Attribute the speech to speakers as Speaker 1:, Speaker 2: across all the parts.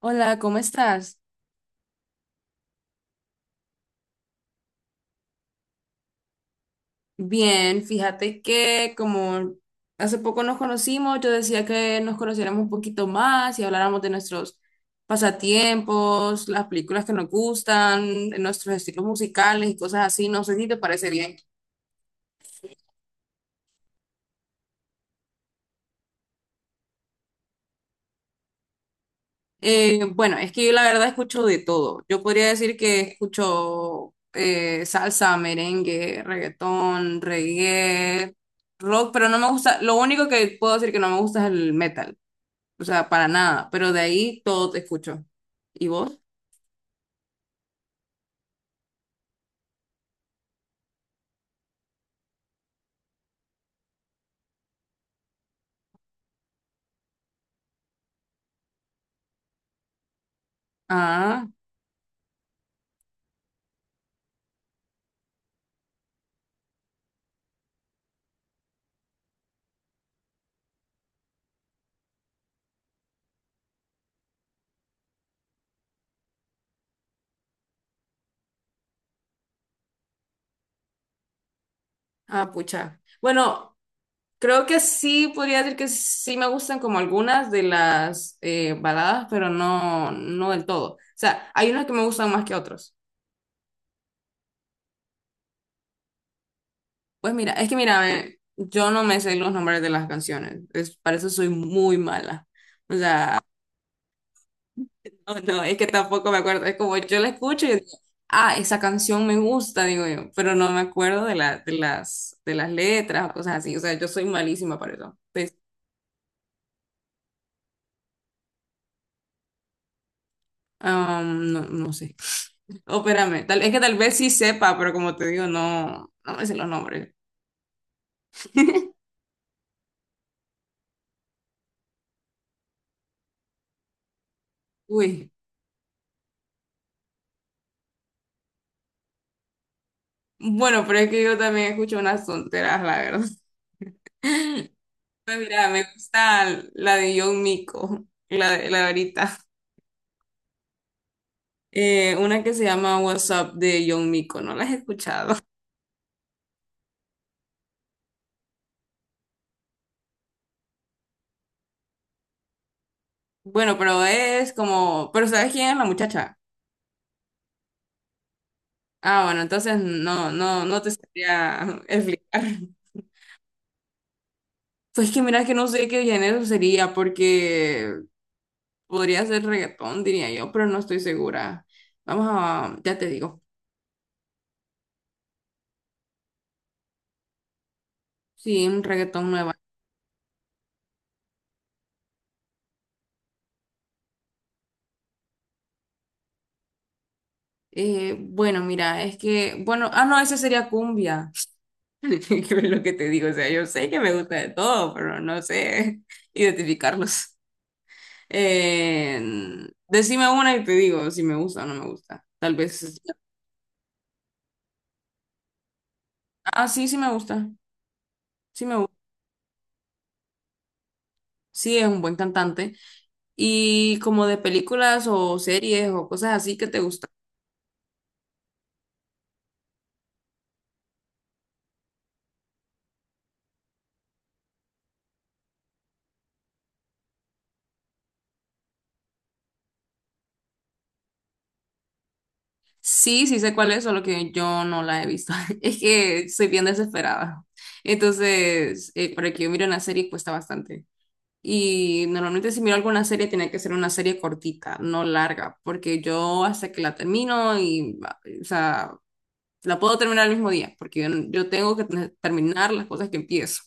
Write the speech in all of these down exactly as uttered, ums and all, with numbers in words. Speaker 1: Hola, ¿cómo estás? Bien, fíjate que como hace poco nos conocimos, yo decía que nos conociéramos un poquito más y habláramos de nuestros pasatiempos, las películas que nos gustan, de nuestros estilos musicales y cosas así. No sé si te parece bien. Eh, bueno, es que yo la verdad escucho de todo. Yo podría decir que escucho eh, salsa, merengue, reggaetón, reggae, rock, pero no me gusta, lo único que puedo decir que no me gusta es el metal. O sea, para nada, pero de ahí todo te escucho. ¿Y vos? Ah, ah, Pucha. Bueno, creo que sí, podría decir que sí me gustan como algunas de las eh, baladas, pero no, no del todo. O sea, hay unas que me gustan más que otras. Pues mira, es que mira, a ver, yo no me sé los nombres de las canciones. Es, para eso soy muy mala. O sea, No, no, es que tampoco me acuerdo. Es como yo la escucho y yo digo, ah, esa canción me gusta, digo yo, pero no me acuerdo de la, de las, de las letras o cosas así. O sea, yo soy malísima para eso. Entonces, am, no, no sé. Oh, espérame, tal, es que tal vez sí sepa, pero como te digo, no, no me sé los nombres. Uy, bueno, pero es que yo también escucho unas tonteras, la verdad. Pues mira, me gusta la de John Mico, la de, la de ahorita. Eh, una que se llama What's Up de John Mico, ¿no la has escuchado? Bueno, pero es como, pero ¿sabes quién es la muchacha? Ah, bueno, entonces no, no, no te sabría explicar. Pues que mira que no sé qué género sería, porque podría ser reggaetón, diría yo, pero no estoy segura. Vamos a, ya te digo. Sí, un reggaetón nueva. Eh, bueno, mira, es que, bueno, ah, no, ese sería cumbia. Es lo que te digo, o sea, yo sé que me gusta de todo, pero no sé identificarlos. Eh, Decime una y te digo si me gusta o no me gusta. Tal vez. Ah, sí, sí me gusta. Sí me gusta. Sí, es un buen cantante. ¿Y como de películas o series o cosas así que te gustan? Sí, sí sé cuál es, solo que yo no la he visto. Es que soy bien desesperada. Entonces, eh, para que yo mire una serie cuesta bastante. Y normalmente si miro alguna serie tiene que ser una serie cortita, no larga, porque yo hasta que la termino y, o sea, la puedo terminar el mismo día, porque yo, yo tengo que tener- terminar las cosas que empiezo.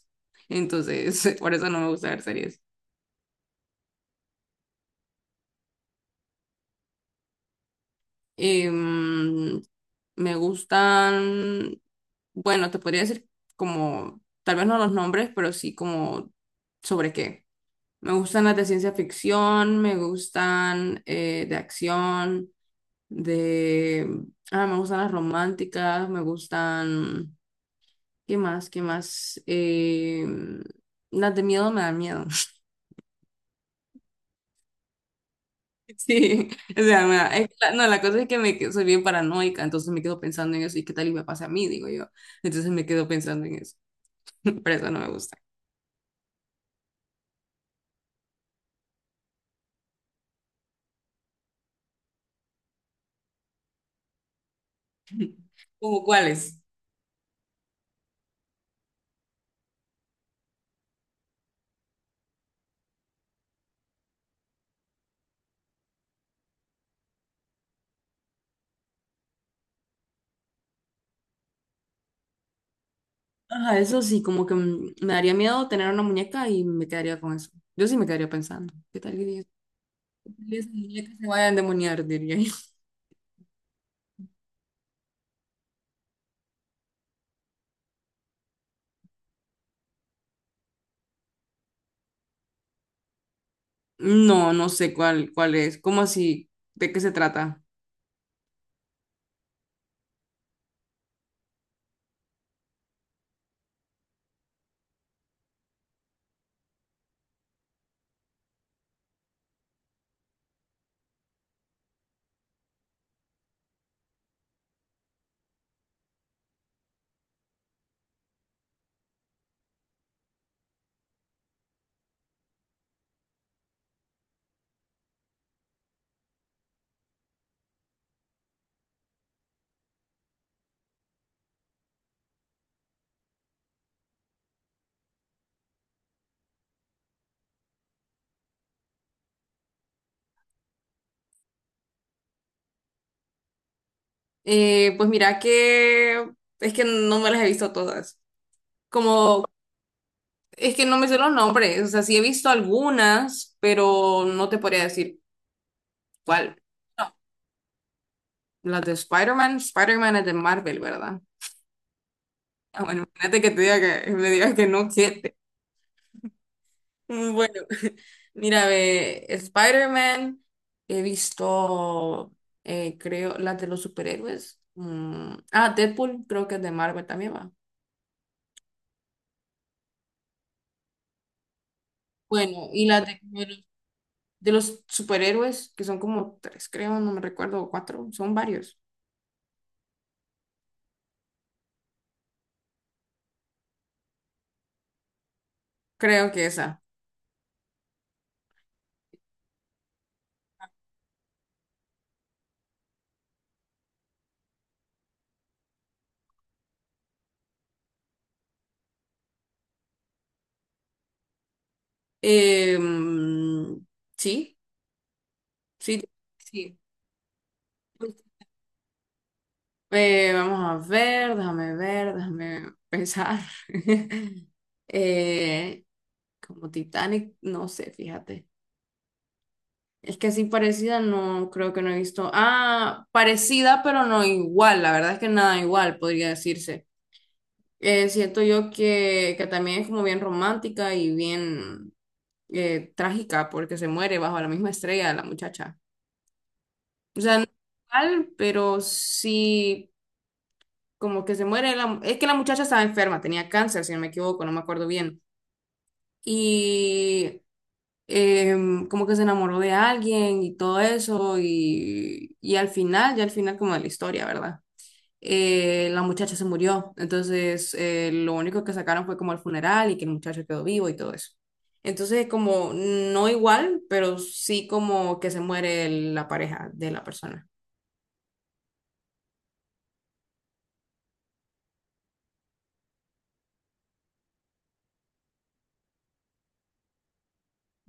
Speaker 1: Entonces, por eso no me gusta ver series. Em, Me gustan, bueno, te podría decir como, tal vez no los nombres, pero sí como sobre qué. Me gustan las de ciencia ficción, me gustan eh, de acción, de... Ah, me gustan las románticas, me gustan... ¿Qué más? ¿Qué más? Em, las de miedo me dan miedo. Sí, o sea, mira, es que la- no, la cosa es que me, que- soy bien paranoica, entonces me quedo pensando en eso y qué tal y me pasa a mí, digo yo. Entonces me quedo pensando en eso, pero eso no me gusta. ¿Cómo cuáles? Ajá, eso sí, como que mm, me daría miedo tener una muñeca y me quedaría con eso. Yo sí me quedaría pensando, ¿qué tal y qué tal y esas muñecas se vayan a endemoniar?, diría yo. No, no sé cuál, cuál es, ¿cómo así? ¿De qué se trata? Eh, pues mira que es que no me las he visto todas. Como, es que no me sé los nombres, o sea, sí he visto algunas, pero no te podría decir cuál. No. Las de Spider-Man, Spider-Man es de Marvel, ¿verdad? Ah, bueno, imagínate que te diga que me digas que no, siete. Mm, bueno, mira, ve, Spider-Man, he visto, eh, creo, las de los superhéroes. Mm, ah, Deadpool, creo que es de Marvel también va. Bueno, y las de, de los superhéroes, que son como tres, creo, no me recuerdo, o cuatro, son varios. Creo que esa. Em, sí, sí, sí. Eh, vamos a ver, déjame ver, déjame pensar. Eh, Como Titanic, no sé, fíjate. Es que así parecida no creo que no he visto. Ah, parecida pero no igual, la verdad es que nada igual, podría decirse. Eh, siento yo que, que también es como bien romántica y bien eh, trágica porque se muere bajo la misma estrella la muchacha. O sea, no igual, pero sí, como que se muere la... Es que la muchacha estaba enferma, tenía cáncer, si no me equivoco, no me acuerdo bien. Y em, como que se enamoró de alguien y todo eso, y, y al final, ya al final como de la historia, ¿verdad? Eh, la muchacha se murió, entonces eh, lo único que sacaron fue como el funeral y que el muchacho quedó vivo y todo eso. Entonces, como no igual, pero sí como que se muere la pareja de la persona.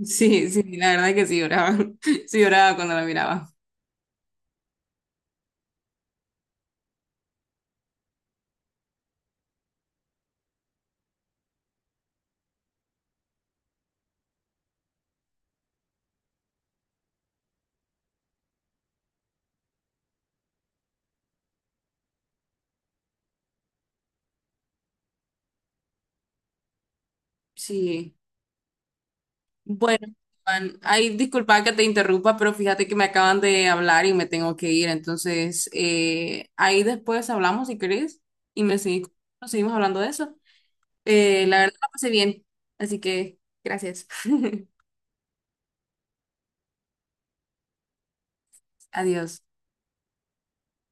Speaker 1: Sí, sí, la verdad que sí lloraba. Sí lloraba cuando la miraba. Sí. Bueno, Juan, ay, disculpa que te interrumpa, pero fíjate que me acaban de hablar y me tengo que ir. Entonces, eh, ahí después hablamos si querés y me seguimos, seguimos hablando de eso. Eh, la verdad la pasé bien. Así que, gracias. Adiós.